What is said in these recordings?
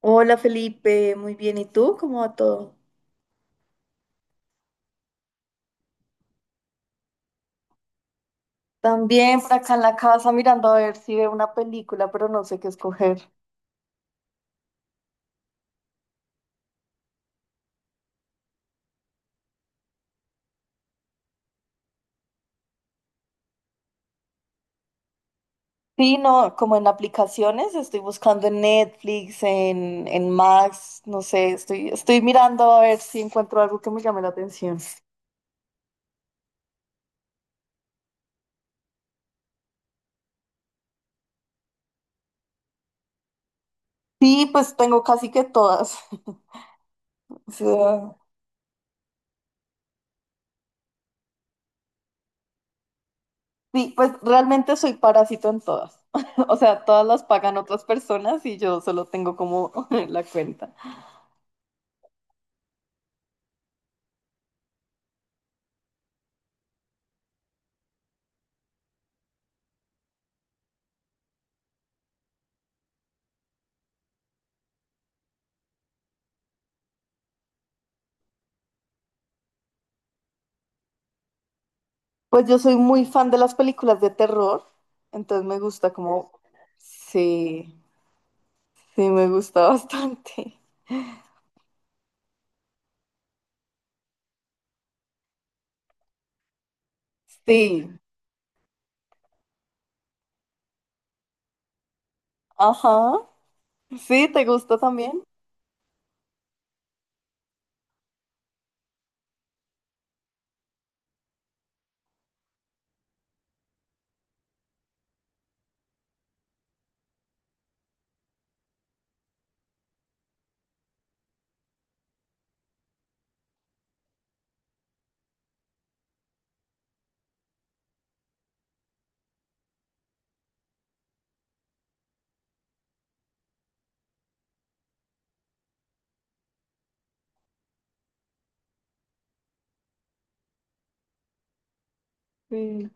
Hola Felipe, muy bien. ¿Y tú? ¿Cómo va todo? También por acá en la casa mirando a ver si veo una película, pero no sé qué escoger. Sí, no, como en aplicaciones, estoy buscando en Netflix, en Max, no sé, estoy mirando a ver si encuentro algo que me llame la atención. Sí, pues tengo casi que todas. O sea, sí, pues realmente soy parásito en todas. O sea, todas las pagan otras personas y yo solo tengo como la cuenta. Pues yo soy muy fan de las películas de terror, entonces me gusta como, sí, sí, me gusta bastante. Sí, ajá, sí, ¿te gusta también? Sí.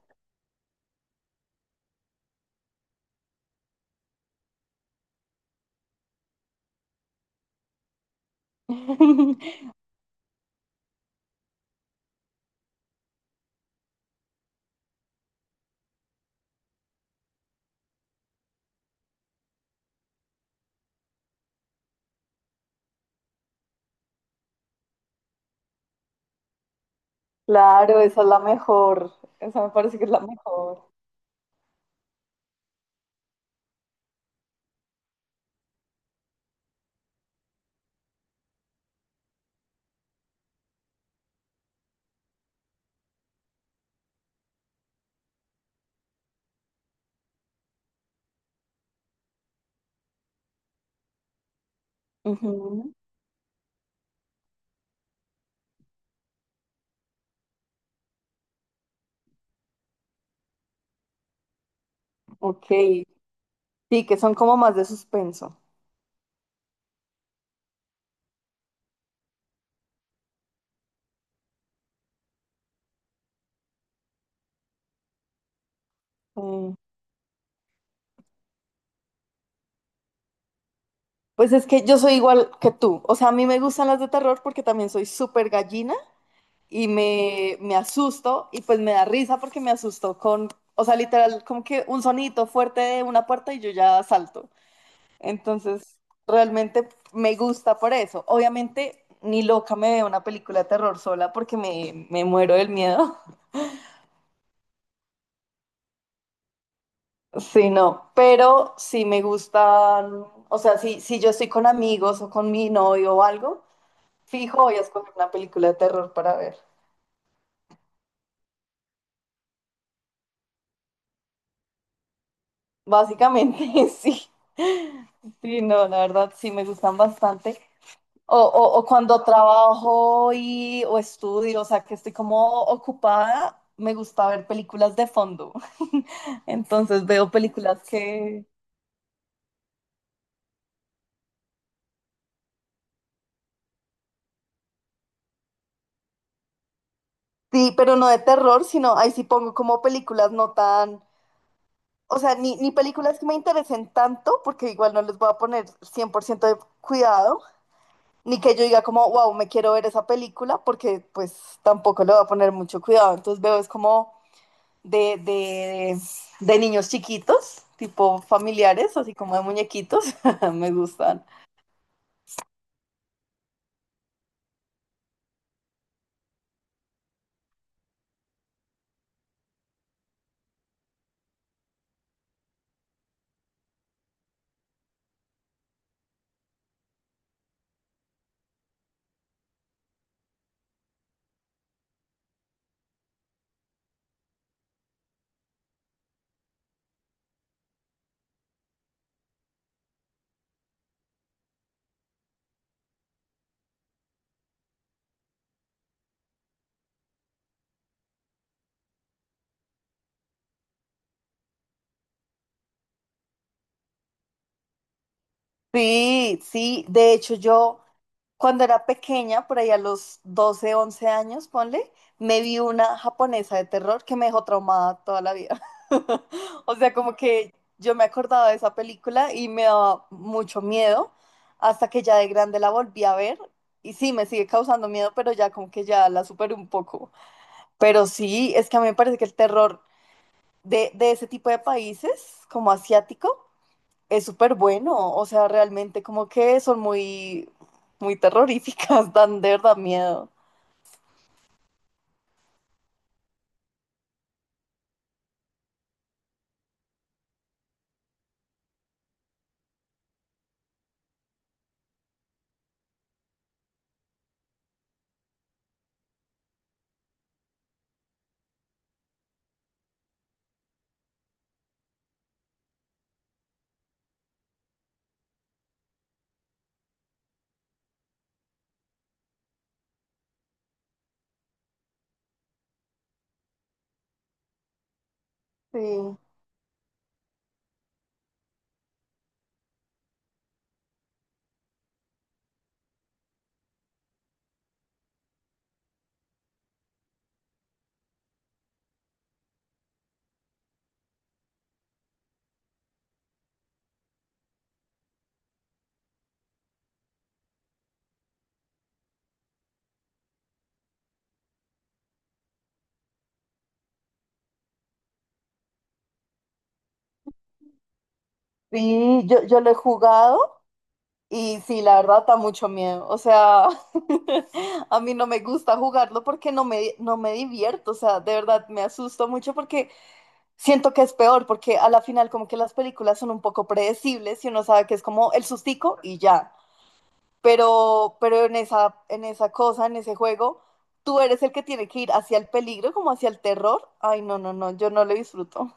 Claro, esa es la mejor, esa me parece que es la mejor. Ujú. Ok, sí, que son como más de suspenso. Sí. Pues es que yo soy igual que tú, o sea, a mí me gustan las de terror porque también soy súper gallina. Y me asusto y pues me da risa porque me asustó con, o sea, literal, como que un sonito fuerte de una puerta y yo ya salto. Entonces, realmente me gusta por eso. Obviamente, ni loca me veo una película de terror sola porque me muero del miedo. Sí, no, pero sí me gustan, o sea, si yo estoy con amigos o con mi novio o algo, fijo voy a escoger una película de terror para ver. Básicamente, sí. Sí, no, la verdad, sí, me gustan bastante. O cuando trabajo y, o estudio, o sea, que estoy como ocupada, me gusta ver películas de fondo. Entonces veo películas que... Sí, pero no de terror, sino ahí sí pongo como películas no tan... O sea, ni películas que me interesen tanto, porque igual no les voy a poner 100% de cuidado, ni que yo diga como, wow, me quiero ver esa película, porque pues tampoco le voy a poner mucho cuidado. Entonces veo es como de, de, de niños chiquitos, tipo familiares, así como de muñequitos, me gustan. Sí, sí, de hecho yo, cuando era pequeña, por ahí a los 12, 11 años, ponle, me vi una japonesa de terror que me dejó traumada toda la vida. O sea, como que yo me acordaba de esa película y me daba mucho miedo hasta que ya de grande la volví a ver. Y sí, me sigue causando miedo, pero ya como que ya la superé un poco. Pero sí, es que a mí me parece que el terror de ese tipo de países, como asiático, es súper bueno, o sea, realmente como que son muy, muy terroríficas, dan de verdad miedo. Sí, sí, yo lo he jugado y sí, la verdad da mucho miedo, o sea, a mí no me gusta jugarlo porque no me divierto, o sea, de verdad me asusto mucho porque siento que es peor, porque a la final como que las películas son un poco predecibles y uno sabe que es como el sustico y ya. Pero en esa, en ese juego, tú eres el que tiene que ir hacia el peligro, como hacia el terror. Ay, no, no, no, yo no lo disfruto.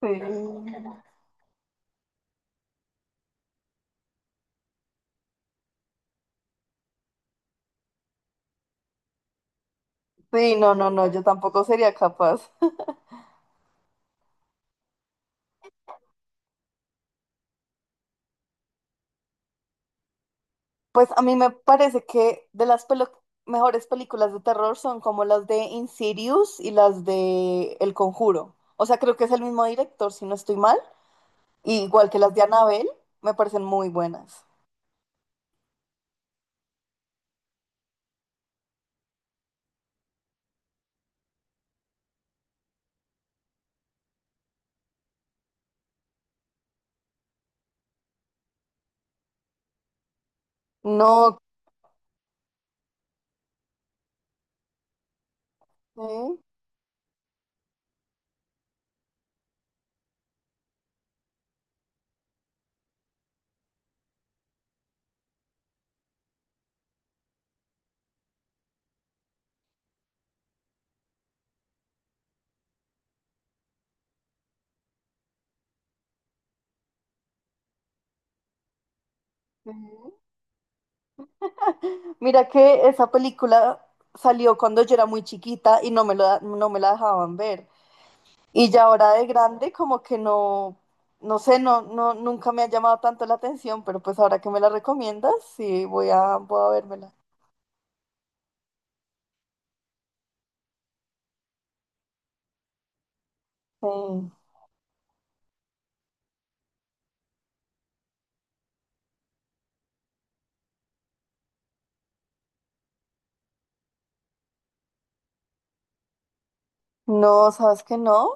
Sí. Sí, no, no, no, yo tampoco sería capaz. Pues a mí me parece que mejores películas de terror son como las de Insidious y las de El Conjuro. O sea, creo que es el mismo director, si no estoy mal. Y igual que las de Annabelle, me parecen muy buenas. No, sé. Mira que esa película salió cuando yo era muy chiquita y no me la dejaban ver. Y ya ahora de grande como que no, no sé, no, nunca me ha llamado tanto la atención, pero pues ahora que me la recomiendas, sí, voy a vérmela. Sí. No, ¿sabes que no?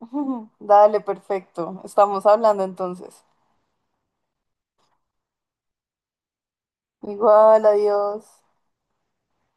Dale, perfecto. Estamos hablando entonces. Igual, adiós.